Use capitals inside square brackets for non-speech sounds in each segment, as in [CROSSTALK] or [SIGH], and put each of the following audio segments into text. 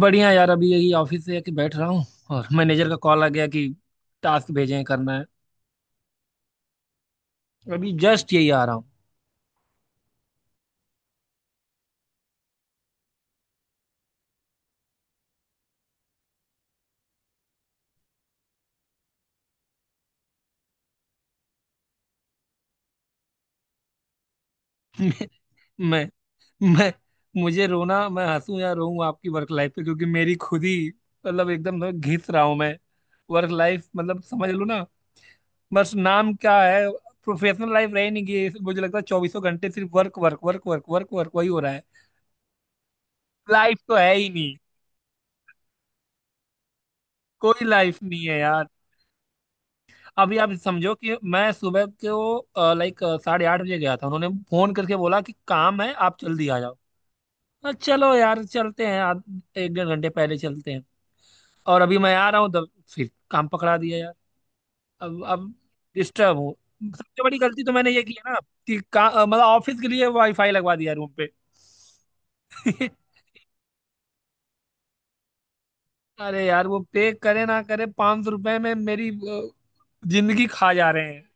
बढ़िया यार अभी यही ऑफिस से आके बैठ रहा हूँ। और मैनेजर का कॉल आ गया कि टास्क भेजे हैं करना है। अभी जस्ट यही आ रहा हूँ। [LAUGHS] मैं मैं मुझे रोना, मैं हंसूं या रोऊं आपकी वर्क लाइफ पे, क्योंकि मेरी खुद ही मतलब एकदम ना घिस रहा हूँ मैं। वर्क लाइफ मतलब समझ लो ना, बस नाम क्या है, प्रोफेशनल लाइफ रह नहीं गई। मुझे लगता है चौबीसों घंटे सिर्फ work work work work work work वही हो रहा है। लाइफ तो है ही नहीं, कोई लाइफ नहीं है यार। अभी आप समझो कि मैं सुबह को लाइक 8:30 बजे गया था। उन्होंने फोन करके बोला कि काम है आप जल्दी आ जाओ। चलो यार चलते हैं, एक डेढ़ घंटे पहले चलते हैं। और अभी मैं आ रहा हूँ तब फिर काम पकड़ा दिया यार। अब डिस्टर्ब हूँ। सबसे बड़ी गलती तो मैंने ये की है ना कि मतलब ऑफिस के लिए वाईफाई लगवा दिया रूम पे। [LAUGHS] अरे यार, वो पे करे ना करे, 500 रुपए में मेरी जिंदगी खा जा रहे हैं।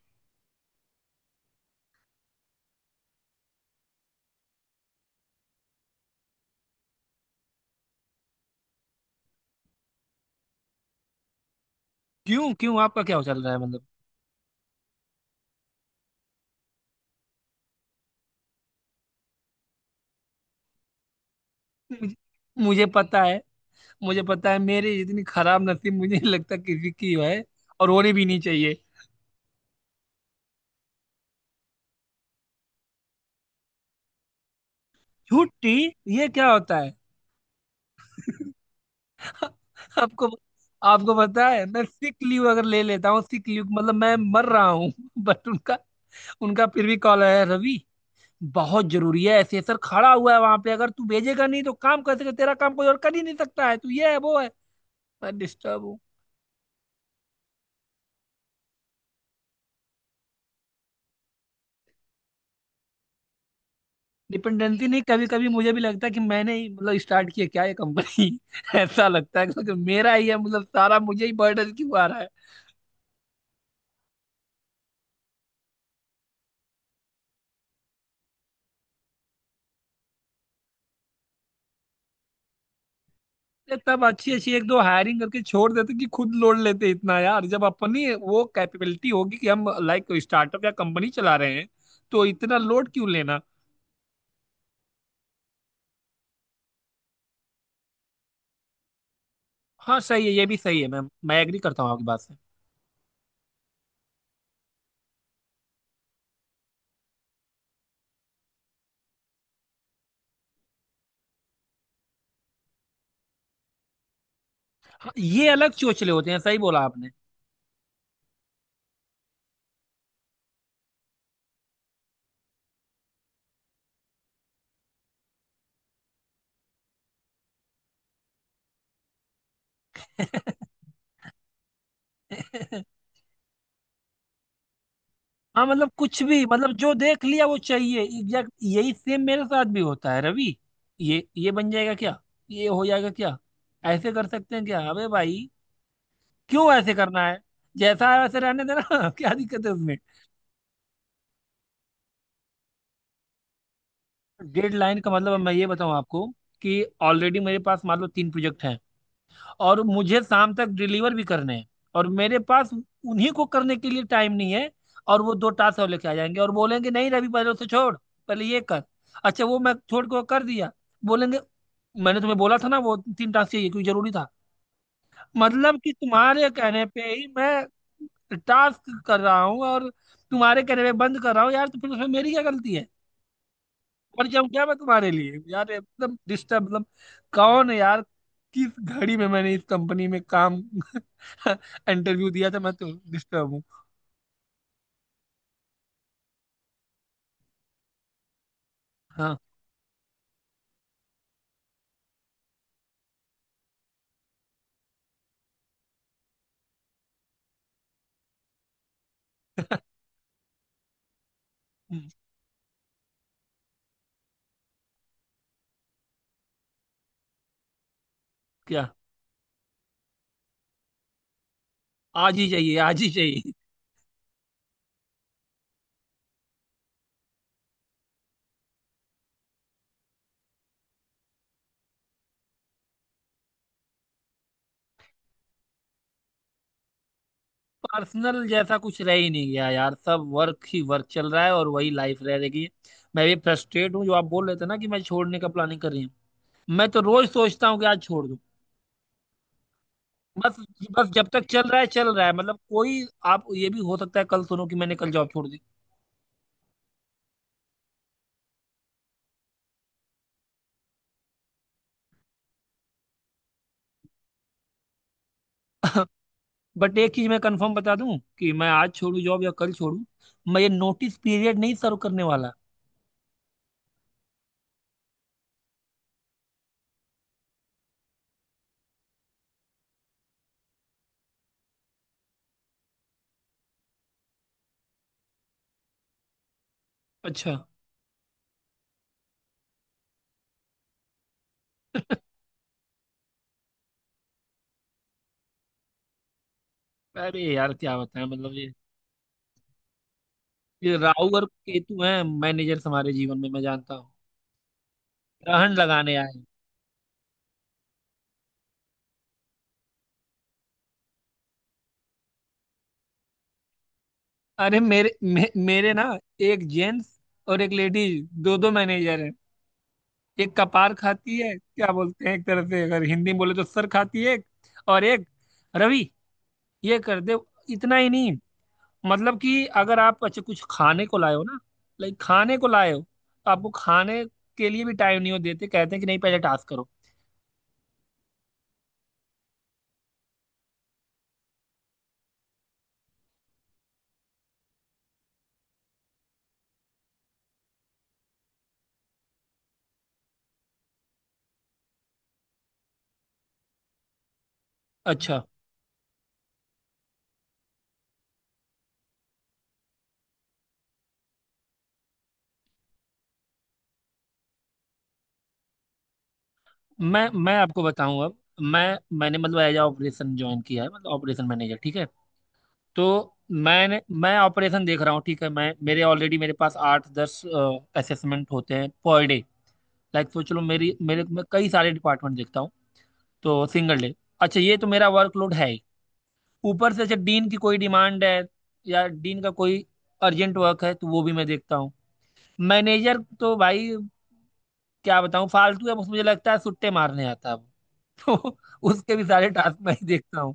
क्यों क्यों आपका क्या चल रहा है मतलब। मुझे मुझे पता है, मुझे पता है मेरी इतनी खराब नसीब मुझे नहीं लगता किसी की है। और होनी भी नहीं चाहिए। छुट्टी ये क्या होता है। [LAUGHS] आपको, पता है मैं सिक लीव अगर ले लेता हूँ, सिक लीव मतलब मैं मर रहा हूँ, [LAUGHS] बट उनका उनका फिर भी कॉल आया, रवि बहुत जरूरी है, ऐसे सर खड़ा हुआ है वहां पे, अगर तू भेजेगा नहीं तो काम कैसे, तेरा काम कोई और कर ही नहीं सकता है, तू ये है वो है। मैं डिस्टर्ब हूँ। डिपेंडेंसी नहीं, कभी कभी मुझे भी लगता है कि मैंने ही मतलब स्टार्ट किया क्या ये कंपनी। [LAUGHS] ऐसा लगता है क्योंकि मेरा ही है मतलब सारा, मुझे ही बर्डन क्यों आ रहा है। ये तब अच्छी अच्छी एक दो हायरिंग करके छोड़ देते कि खुद लोड लेते इतना यार, जब अपनी वो कैपेबिलिटी होगी कि हम लाइक स्टार्टअप या कंपनी चला रहे हैं, तो इतना लोड क्यों लेना। हाँ सही है, ये भी सही है मैम, मैं एग्री करता हूँ आपकी बात से। हाँ, ये अलग चोचले होते हैं, सही बोला आपने। [LAUGHS] हाँ मतलब कुछ भी, मतलब जो देख लिया वो चाहिए, एग्जैक्ट यही सेम मेरे साथ भी होता है रवि। ये बन जाएगा क्या, ये हो जाएगा क्या, ऐसे कर सकते हैं क्या। अबे भाई क्यों ऐसे करना है, जैसा है वैसे रहने देना। [LAUGHS] क्या दिक्कत है उसमें। डेडलाइन का मतलब मैं ये बताऊं आपको कि ऑलरेडी मेरे पास मान लो तीन प्रोजेक्ट हैं, और मुझे शाम तक डिलीवर भी करने हैं, और मेरे पास उन्हीं को करने के लिए टाइम नहीं है। और वो दो टास्क और लेके आ जाएंगे और बोलेंगे नहीं रवि पहले उसे छोड़, पहले ये कर। अच्छा वो मैं छोड़ के वो कर दिया, बोलेंगे मैंने तुम्हें बोला था ना वो तीन टास्क चाहिए क्योंकि जरूरी था। मतलब कि तुम्हारे कहने पे ही मैं टास्क कर रहा हूँ और तुम्हारे कहने पे बंद कर रहा हूँ यार, तो फिर उसमें मेरी क्या गलती है। मर जाऊं क्या मैं तुम्हारे लिए यार, एकदम डिस्टर्ब मतलब। कौन है यार, किस घड़ी में मैंने इस कंपनी में काम [LAUGHS] इंटरव्यू दिया था। मैं तो डिस्टर्ब हूँ। हाँ। [LAUGHS] हम्म, क्या। आज ही चाहिए, आज ही चाहिए। पर्सनल जैसा कुछ रह ही नहीं गया यार, सब वर्क ही वर्क चल रहा है और वही लाइफ रह रही है। मैं भी फ्रस्ट्रेट हूँ, जो आप बोल रहे थे ना कि मैं छोड़ने का प्लानिंग कर रही हूँ, मैं तो रोज सोचता हूँ कि आज छोड़ दूं। बस, बस जब तक चल रहा है चल रहा है, मतलब कोई, आप ये भी हो सकता है कल सुनो कि मैंने कल जॉब छोड़ दी। [LAUGHS] बट एक चीज मैं कंफर्म बता दूं कि मैं आज छोड़ू जॉब या कल छोड़ू, मैं ये नोटिस पीरियड नहीं सर्व करने वाला। अच्छा। [LAUGHS] अरे यार क्या बताएं, मतलब ये राहु और केतु हैं मैनेजर्स हमारे जीवन में, मैं जानता हूँ ग्रहण लगाने आए हैं। अरे मेरे ना, एक जेंट्स और एक लेडीज, दो दो मैनेजर हैं। एक कपार खाती है, क्या बोलते हैं, एक तरह से अगर हिंदी में बोले तो सर खाती है एक। और एक, रवि ये कर दे। इतना ही नहीं, मतलब कि अगर आप अच्छा कुछ खाने को लाए हो ना, लाइक खाने को लाए हो, तो आपको खाने के लिए भी टाइम नहीं हो देते, कहते हैं कि नहीं पहले टास्क करो। अच्छा। मैं आपको बताऊं, अब मैं मैंने मतलब एज ऑपरेशन ज्वाइन किया है, मतलब ऑपरेशन मैनेजर, ठीक है। तो मैंने मैं ऑपरेशन देख रहा हूँ, ठीक है। मैं मेरे ऑलरेडी मेरे पास 8-10 असेसमेंट होते हैं पर डे, लाइक सोच लो, मेरी मेरे मैं कई सारे डिपार्टमेंट देखता हूँ, तो सिंगल डे। अच्छा ये तो मेरा वर्कलोड है ही, ऊपर से जब डीन की कोई डिमांड है या डीन का कोई अर्जेंट वर्क है तो वो भी मैं देखता हूँ। मैनेजर तो भाई क्या बताऊँ, फालतू है, बस मुझे लगता है सुट्टे मारने आता है वो। [LAUGHS] तो उसके भी सारे टास्क मैं ही देखता हूँ।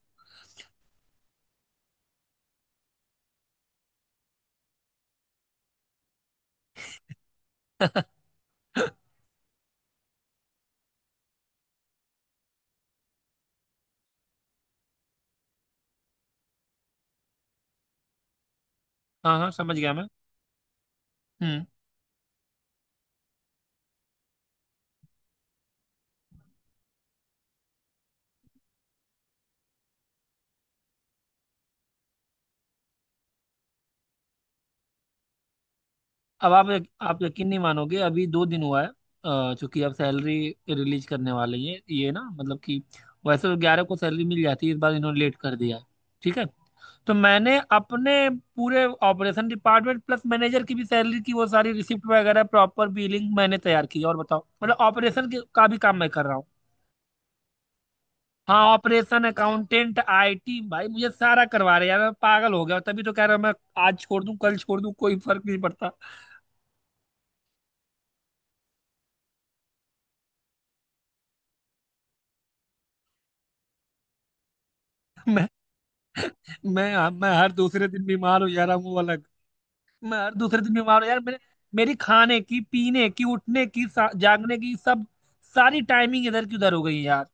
[LAUGHS] हाँ हाँ समझ गया मैं। हम्म। अब आप, यकीन नहीं मानोगे, अभी 2 दिन हुआ है, चूंकि अब सैलरी रिलीज करने वाले हैं, ये ना, मतलब कि वैसे तो 11 को सैलरी मिल जाती है, इस बार इन्होंने लेट कर दिया है, ठीक है। तो मैंने अपने पूरे ऑपरेशन डिपार्टमेंट प्लस मैनेजर की भी सैलरी की, वो सारी रिसिप्ट वगैरह प्रॉपर बिलिंग मैंने तैयार की है। और बताओ मतलब ऑपरेशन के का भी काम मैं कर रहा हूँ। हाँ, ऑपरेशन, अकाउंटेंट, आईटी, भाई मुझे सारा करवा रहे हैं यार, मैं पागल हो गया हूँ। तभी तो कह रहा हूँ मैं, आज छोड़ दूँ कल छोड़ दूँ कोई फर्क नहीं पड़ता। [LAUGHS] मैं मैं हाँ, मैं हर दूसरे दिन बीमार हो जा रहा हूँ, वो अलग। मैं हर दूसरे दिन बीमार हो यार, मेरे, मेरी खाने की पीने की उठने की जागने की सब, सारी टाइमिंग इधर की उधर हो गई है यार।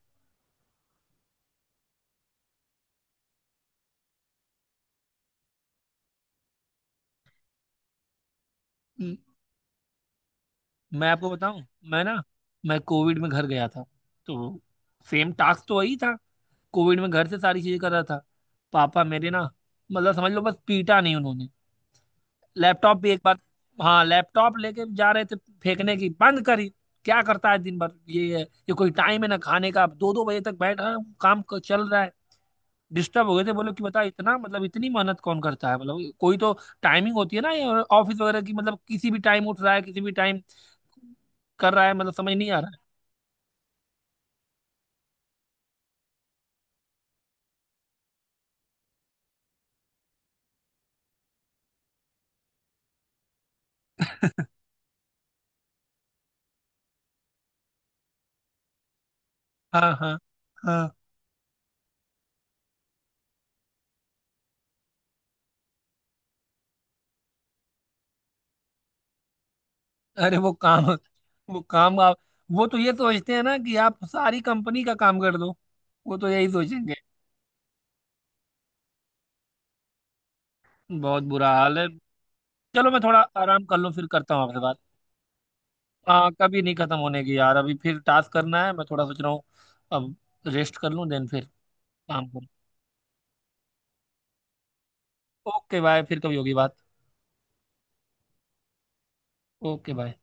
म- मैं आपको बताऊं, मैं ना मैं कोविड में घर गया था, तो सेम टास्क तो वही था, कोविड में घर से सारी चीजें कर रहा था। पापा मेरे ना, मतलब समझ लो बस पीटा नहीं उन्होंने। लैपटॉप भी एक बार, हाँ लैपटॉप लेके जा रहे थे फेंकने की बंद करी। क्या करता है दिन भर ये कोई टाइम है ना खाने का, अब दो दो बजे तक बैठा हूँ, चल रहा है। डिस्टर्ब हो गए थे, बोलो कि बता इतना, मतलब इतनी मेहनत कौन करता है, मतलब कोई तो टाइमिंग होती है ना, ये ऑफिस वगैरह की। मतलब किसी भी टाइम उठ रहा है, किसी भी टाइम कर रहा है, मतलब समझ नहीं आ रहा है। हाँ हाँ हाँ। अरे वो काम आप वो तो ये सोचते हैं ना कि आप सारी कंपनी का काम कर दो, वो तो यही सोचेंगे। बहुत बुरा हाल है। चलो मैं थोड़ा आराम कर लूँ, फिर करता हूँ आपसे बात। हाँ कभी नहीं खत्म होने की यार, अभी फिर टास्क करना है, मैं थोड़ा सोच रहा हूँ। अब रेस्ट कर लूँ, देन फिर काम करूँ। ओके बाय, फिर कभी होगी बात। Okay bye.